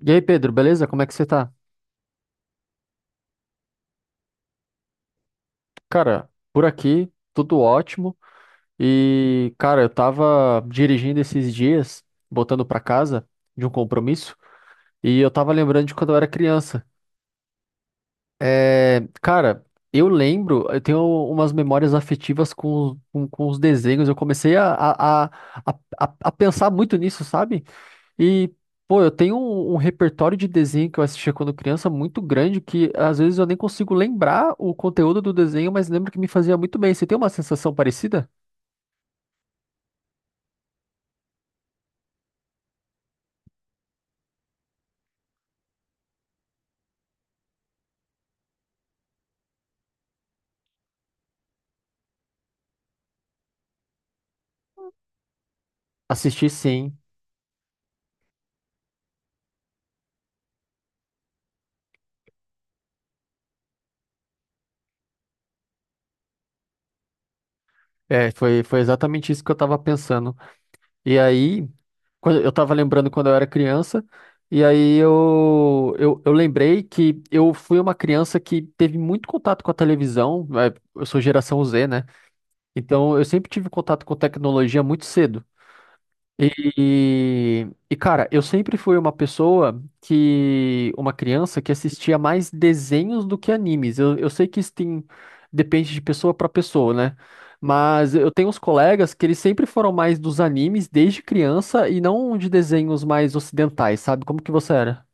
E aí, Pedro, beleza? Como é que você tá? Cara, por aqui, tudo ótimo. E, cara, eu tava dirigindo esses dias, voltando pra casa de um compromisso, e eu tava lembrando de quando eu era criança. É, cara, eu lembro, eu tenho umas memórias afetivas com os desenhos. Eu comecei a, a pensar muito nisso, sabe? E, pô, eu tenho um repertório de desenho que eu assistia quando criança muito grande que às vezes eu nem consigo lembrar o conteúdo do desenho, mas lembro que me fazia muito bem. Você tem uma sensação parecida? Assisti sim. Foi exatamente isso que eu tava pensando. E aí, quando, eu tava lembrando quando eu era criança, e aí eu lembrei que eu fui uma criança que teve muito contato com a televisão. Eu sou geração Z, né? Então eu sempre tive contato com tecnologia muito cedo. Cara, eu sempre fui uma pessoa que, uma criança que assistia mais desenhos do que animes. Eu sei que isso tem, depende de pessoa para pessoa, né? Mas eu tenho uns colegas que eles sempre foram mais dos animes desde criança e não de desenhos mais ocidentais, sabe? Como que você era?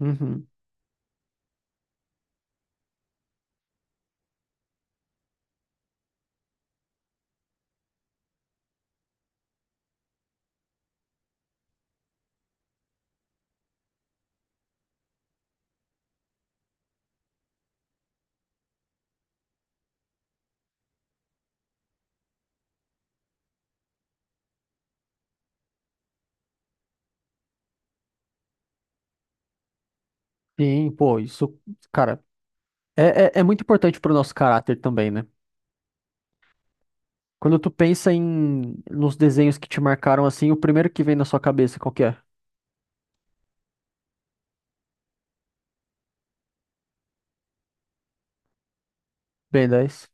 Uhum. Sim, pô, isso, cara, é, é muito importante pro nosso caráter também, né? Quando tu pensa em nos desenhos que te marcaram assim, o primeiro que vem na sua cabeça, qual que é? Ben 10.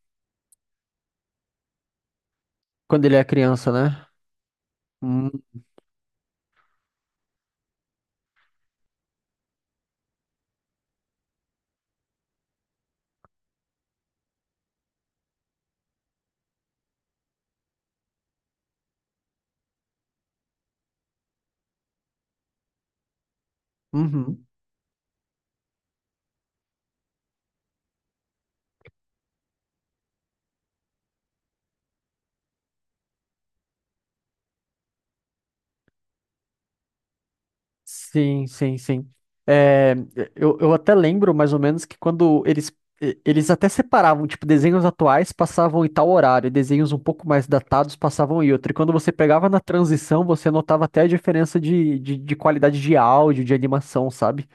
Quando ele é criança, né? Hum, uhum. Sim, sim, sim. É, eu até lembro mais ou menos que quando eles até separavam, tipo, desenhos atuais passavam em tal horário, e desenhos um pouco mais datados passavam em outro. E quando você pegava na transição, você notava até a diferença de qualidade de áudio, de animação, sabe?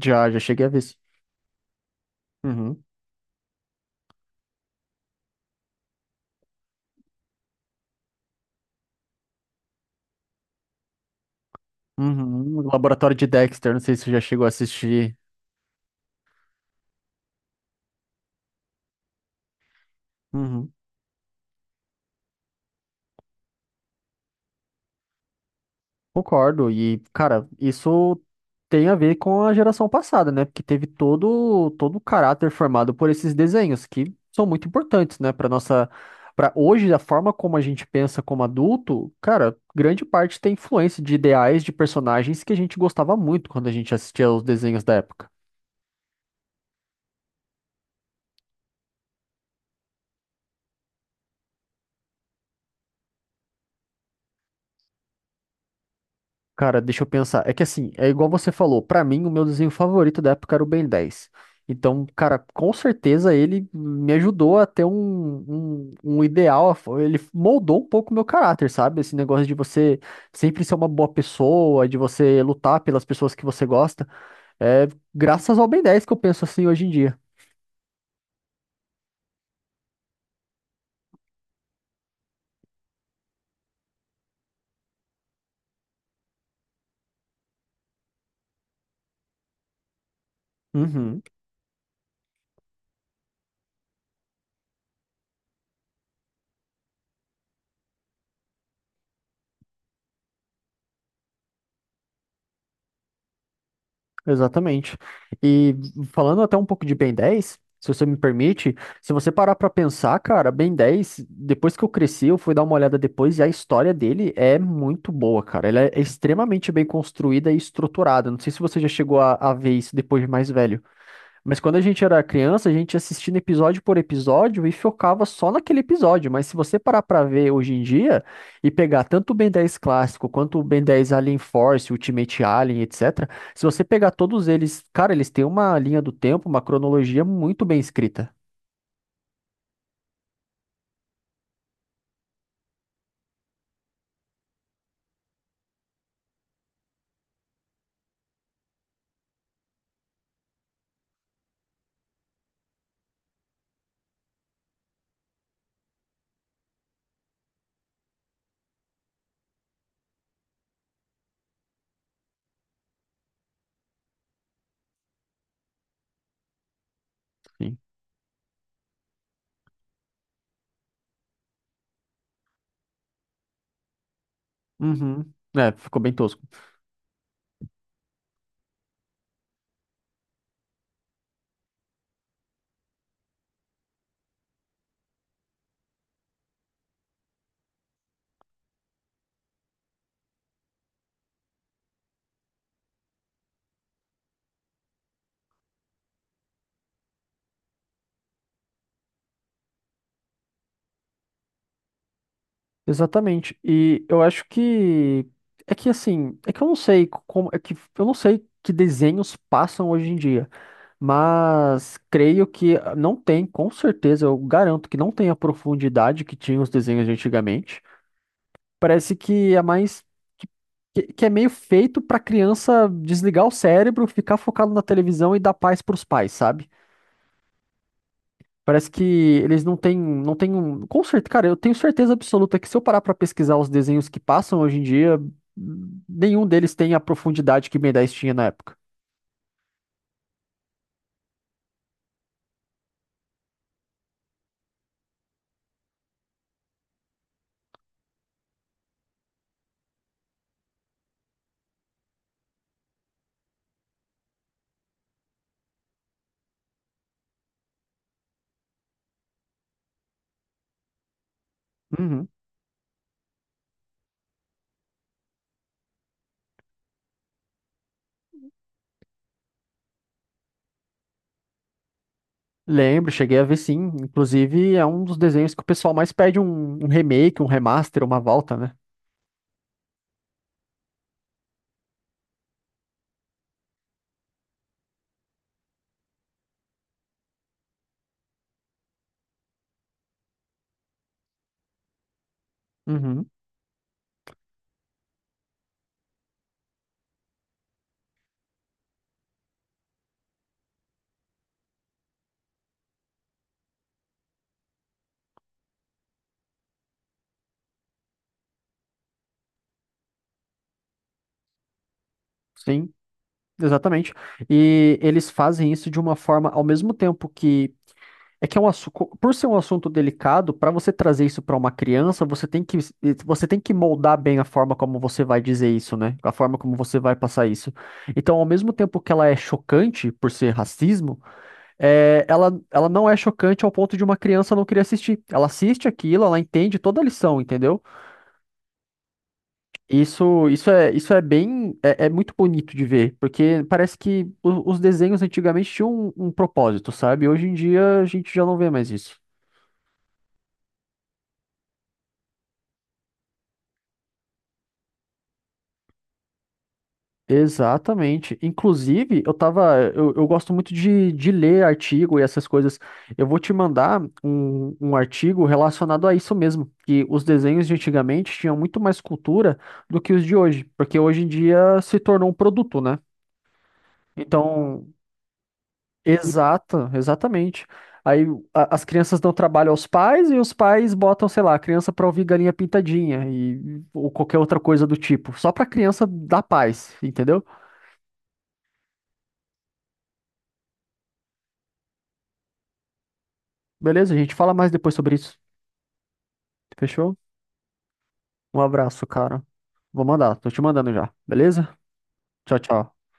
Já, já cheguei a ver isso. Uhum. Uhum. Laboratório de Dexter, não sei se você já chegou a assistir. Concordo. E, cara, isso tem a ver com a geração passada, né? Porque teve todo o caráter formado por esses desenhos que são muito importantes, né, para hoje a forma como a gente pensa como adulto, cara, grande parte tem influência de ideais de personagens que a gente gostava muito quando a gente assistia aos desenhos da época. Cara, deixa eu pensar. É que assim, é igual você falou, pra mim o meu desenho favorito da época era o Ben 10. Então, cara, com certeza ele me ajudou a ter um ideal, ele moldou um pouco o meu caráter, sabe? Esse negócio de você sempre ser uma boa pessoa, de você lutar pelas pessoas que você gosta. É graças ao Ben 10 que eu penso assim hoje em dia. Uhum. Exatamente. E falando até um pouco de Ben 10, se você me permite, se você parar pra pensar, cara, Ben 10, depois que eu cresci, eu fui dar uma olhada depois e a história dele é muito boa, cara. Ela é extremamente bem construída e estruturada. Não sei se você já chegou a ver isso depois de mais velho. Mas quando a gente era criança, a gente assistia episódio por episódio e focava só naquele episódio. Mas se você parar pra ver hoje em dia e pegar tanto o Ben 10 clássico quanto o Ben 10 Alien Force, Ultimate Alien, etc., se você pegar todos eles, cara, eles têm uma linha do tempo, uma cronologia muito bem escrita. Sim. Uhum. É, ficou bem tosco. Exatamente. E eu acho que é que assim, é que eu não sei como, é que eu não sei que desenhos passam hoje em dia. Mas creio que não tem, com certeza, eu garanto que não tem a profundidade que tinha os desenhos de antigamente. Parece que é mais que, é meio feito pra criança desligar o cérebro, ficar focado na televisão e dar paz pros pais, sabe? Parece que eles não têm um, com certeza, cara, eu tenho certeza absoluta que se eu parar pra pesquisar os desenhos que passam hoje em dia, nenhum deles tem a profundidade que Ben 10 tinha na época. Uhum. Lembro, cheguei a ver sim. Inclusive, é um dos desenhos que o pessoal mais pede um remake, um remaster, uma volta, né? Uhum, sim, exatamente. E eles fazem isso de uma forma, ao mesmo tempo que. É que é um assunto, por ser um assunto delicado, para você trazer isso para uma criança, você tem que moldar bem a forma como você vai dizer isso, né? A forma como você vai passar isso. Então, ao mesmo tempo que ela é chocante por ser racismo, é, ela não é chocante ao ponto de uma criança não querer assistir. Ela assiste aquilo, ela entende toda a lição, entendeu? Isso é bem, é muito bonito de ver, porque parece que os desenhos antigamente tinham um propósito, sabe? Hoje em dia a gente já não vê mais isso. Exatamente. Inclusive, eu gosto muito de ler artigo e essas coisas. Eu vou te mandar um artigo relacionado a isso mesmo, que os desenhos de antigamente tinham muito mais cultura do que os de hoje, porque hoje em dia se tornou um produto, né? Então, exatamente. Aí as crianças dão trabalho aos pais e os pais botam, sei lá, a criança pra ouvir galinha pintadinha e ou qualquer outra coisa do tipo, só pra criança dar paz, entendeu? Beleza, a gente fala mais depois sobre isso. Fechou? Um abraço, cara. Vou mandar, tô te mandando já. Beleza? Tchau, tchau.